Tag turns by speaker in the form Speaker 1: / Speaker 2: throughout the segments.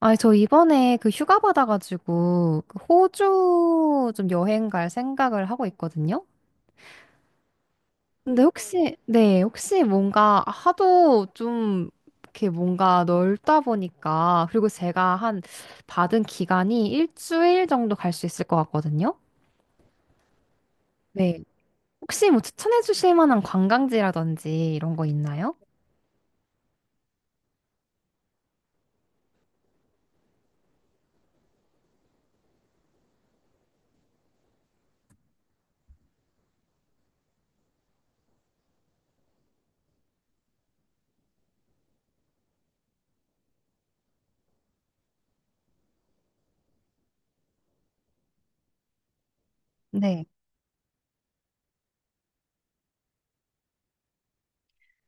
Speaker 1: 아니, 저 이번에 그 휴가 받아가지고 그 호주 좀 여행 갈 생각을 하고 있거든요. 근데 혹시, 네, 혹시 뭔가 하도 좀 이렇게 뭔가 넓다 보니까, 그리고 제가 한 받은 기간이 일주일 정도 갈 수 있을 것 같거든요. 네. 혹시 뭐 추천해 주실 만한 관광지라든지 이런 거 있나요? 네.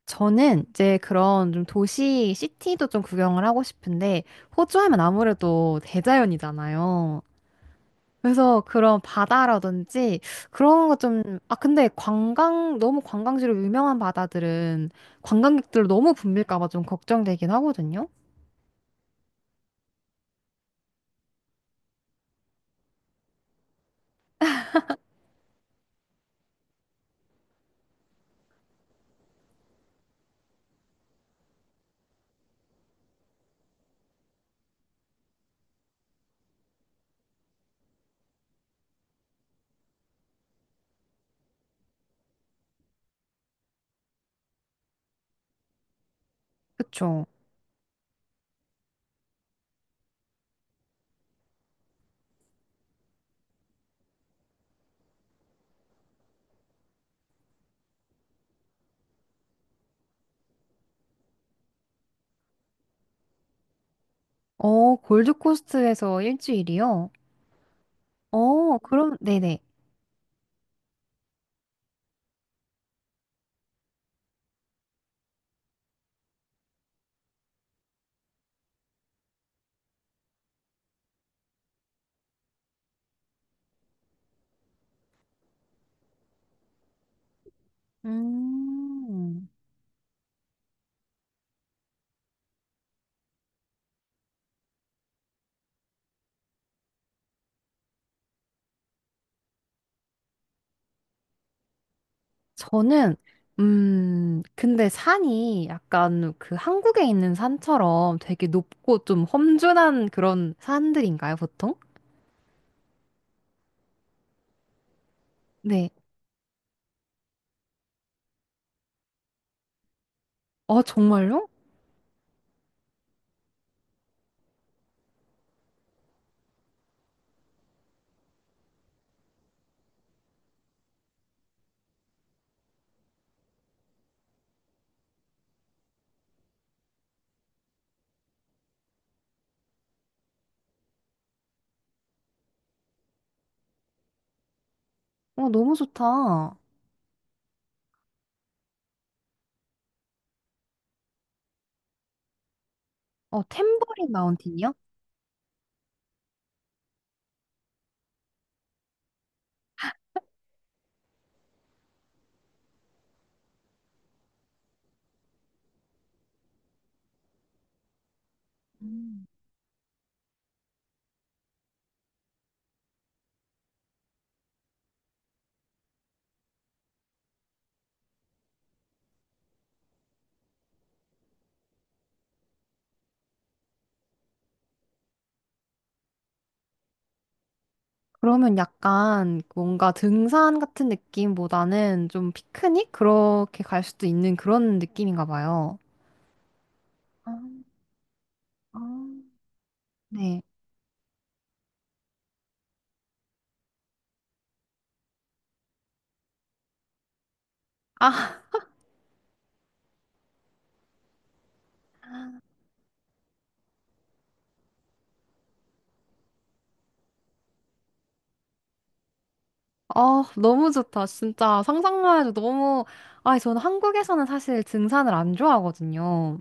Speaker 1: 저는 이제 그런 좀 도시, 시티도 좀 구경을 하고 싶은데, 호주 하면 아무래도 대자연이잖아요. 그래서 그런 바다라든지 그런 것 좀, 아, 근데 관광, 너무 관광지로 유명한 바다들은 관광객들로 너무 붐빌까 봐 좀 걱정되긴 하거든요. 그쵸? 골드코스트에서 일주일이요? 그럼, 네네. 음, 저는, 근데 산이 약간 그 한국에 있는 산처럼 되게 높고 좀 험준한 그런 산들인가요, 보통? 네. 아, 정말요? 너무 좋다. 탬버린 마운틴이요? 음. 그러면 약간 뭔가 등산 같은 느낌보다는 좀 피크닉? 그렇게 갈 수도 있는 그런 느낌인가 봐요. 아, 아. 네. 아, 너무 좋다. 진짜 상상만 해도 너무, 아, 저는 한국에서는 사실 등산을 안 좋아하거든요.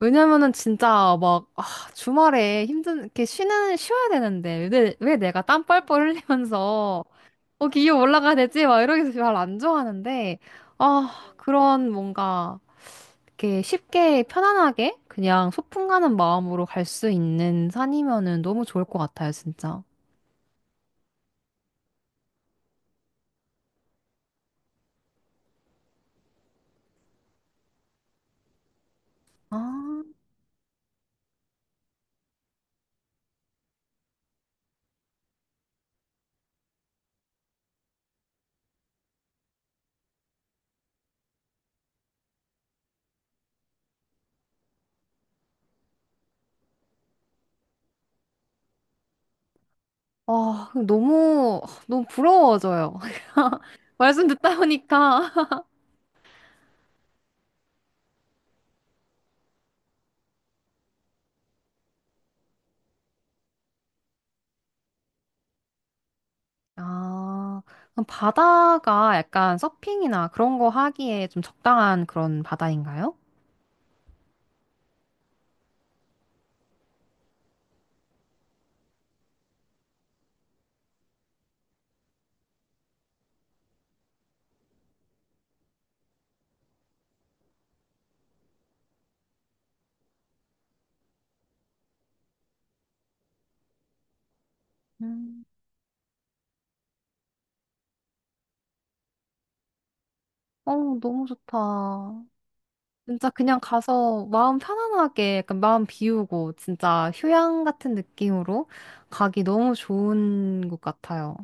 Speaker 1: 왜냐면은 진짜 막, 아, 주말에 힘든, 이렇게 쉬는, 쉬어야 되는데, 왜 내가 땀 뻘뻘 흘리면서 기업 올라가야 되지? 막 이러면서 잘 안 좋아하는데, 아, 그런 뭔가, 이렇게 쉽게 편안하게 그냥 소풍 가는 마음으로 갈 수 있는 산이면은 너무 좋을 것 같아요, 진짜. 아, 아, 너무, 너무 부러워져요. 말씀 듣다 보니까. 아, 그럼 바다가 약간 서핑이나 그런 거 하기에 좀 적당한 그런 바다인가요? 음, 어, 너무 좋다. 진짜 그냥 가서 마음 편안하게 약간 마음 비우고 진짜 휴양 같은 느낌으로 가기 너무 좋은 것 같아요.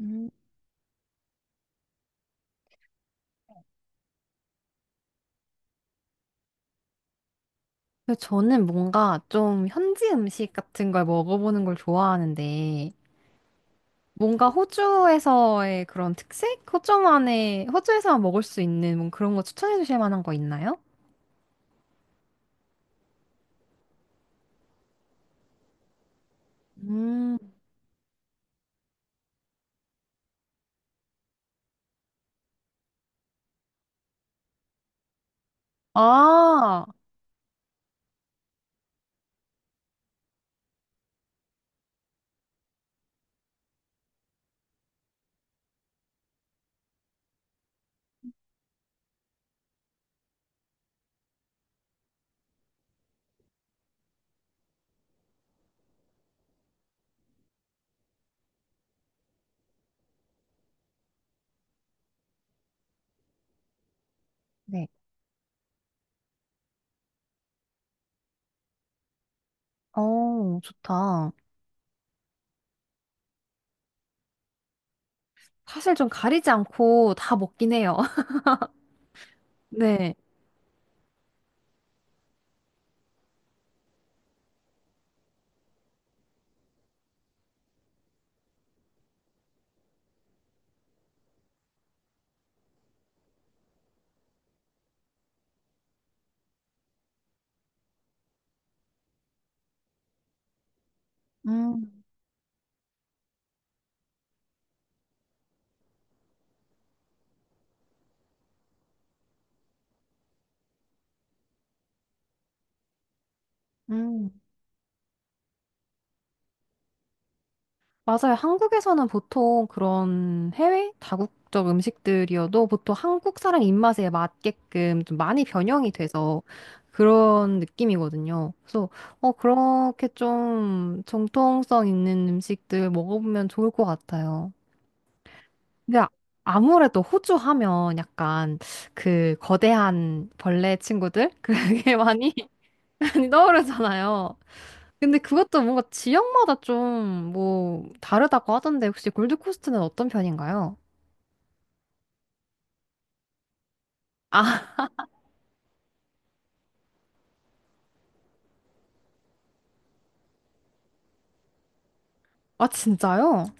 Speaker 1: 음. 근데 저는 뭔가 좀 현지 음식 같은 걸 먹어보는 걸 좋아하는데 뭔가 호주에서의 그런 특색? 호주만의, 호주에서만 먹을 수 있는 뭔 그런 거 추천해 주실 만한 거 있나요? 음, 아, 네. 좋다. 사실 좀 가리지 않고 다 먹긴 해요. 네. 음, 음. 맞아요. 한국에서는 보통 그런 해외 다국적 음식들이어도 보통 한국 사람 입맛에 맞게끔 좀 많이 변형이 돼서 그런 느낌이거든요. 그래서 그렇게 좀 정통성 있는 음식들 먹어보면 좋을 것 같아요. 근데 아무래도 호주 하면 약간 그 거대한 벌레 친구들 그게 많이 많이 떠오르잖아요. 근데 그것도 뭔가 지역마다 좀 뭐 다르다고 하던데 혹시 골드코스트는 어떤 편인가요? 아, 아 진짜요?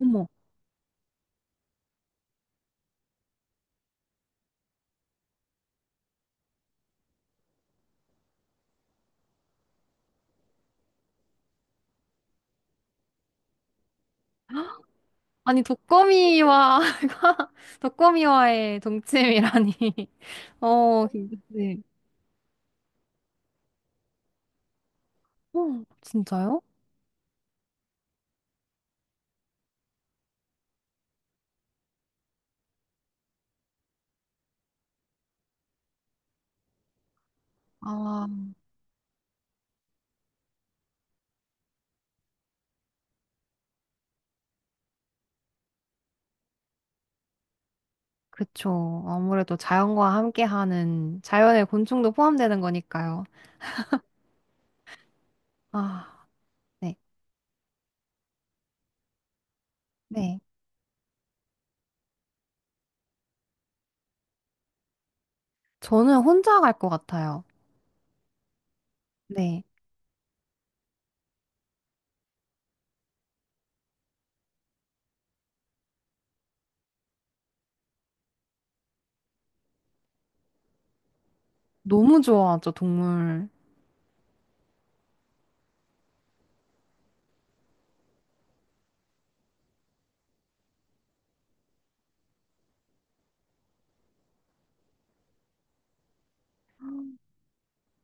Speaker 1: 어머. 아니 독거미와 독거미와의 동침이라니. 어, 네. 진짜요? 아, 그쵸. 아무래도 자연과 함께하는 자연의 곤충도 포함되는 거니까요. 아, 네. 네. 저는 혼자 갈 것 같아요. 네. 너무 좋아하죠, 동물.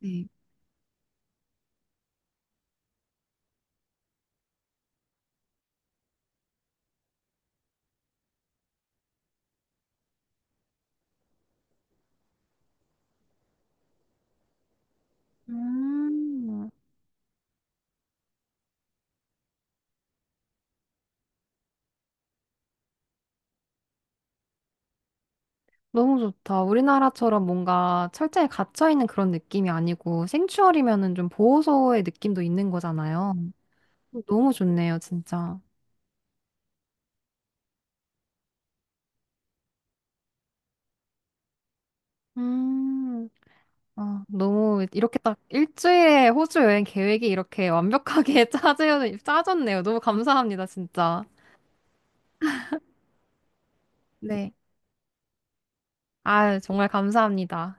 Speaker 1: 네. 음. 너무 좋다. 우리나라처럼 뭔가 철저히 갇혀있는 그런 느낌이 아니고 생추얼이면은 좀 보호소의 느낌도 있는 거잖아요. 너무 좋네요, 진짜. 음, 아, 너무 이렇게 딱 일주일에 호주 여행 계획이 이렇게 완벽하게 짜졌네요. 너무 감사합니다, 진짜. 네. 아, 정말 감사합니다.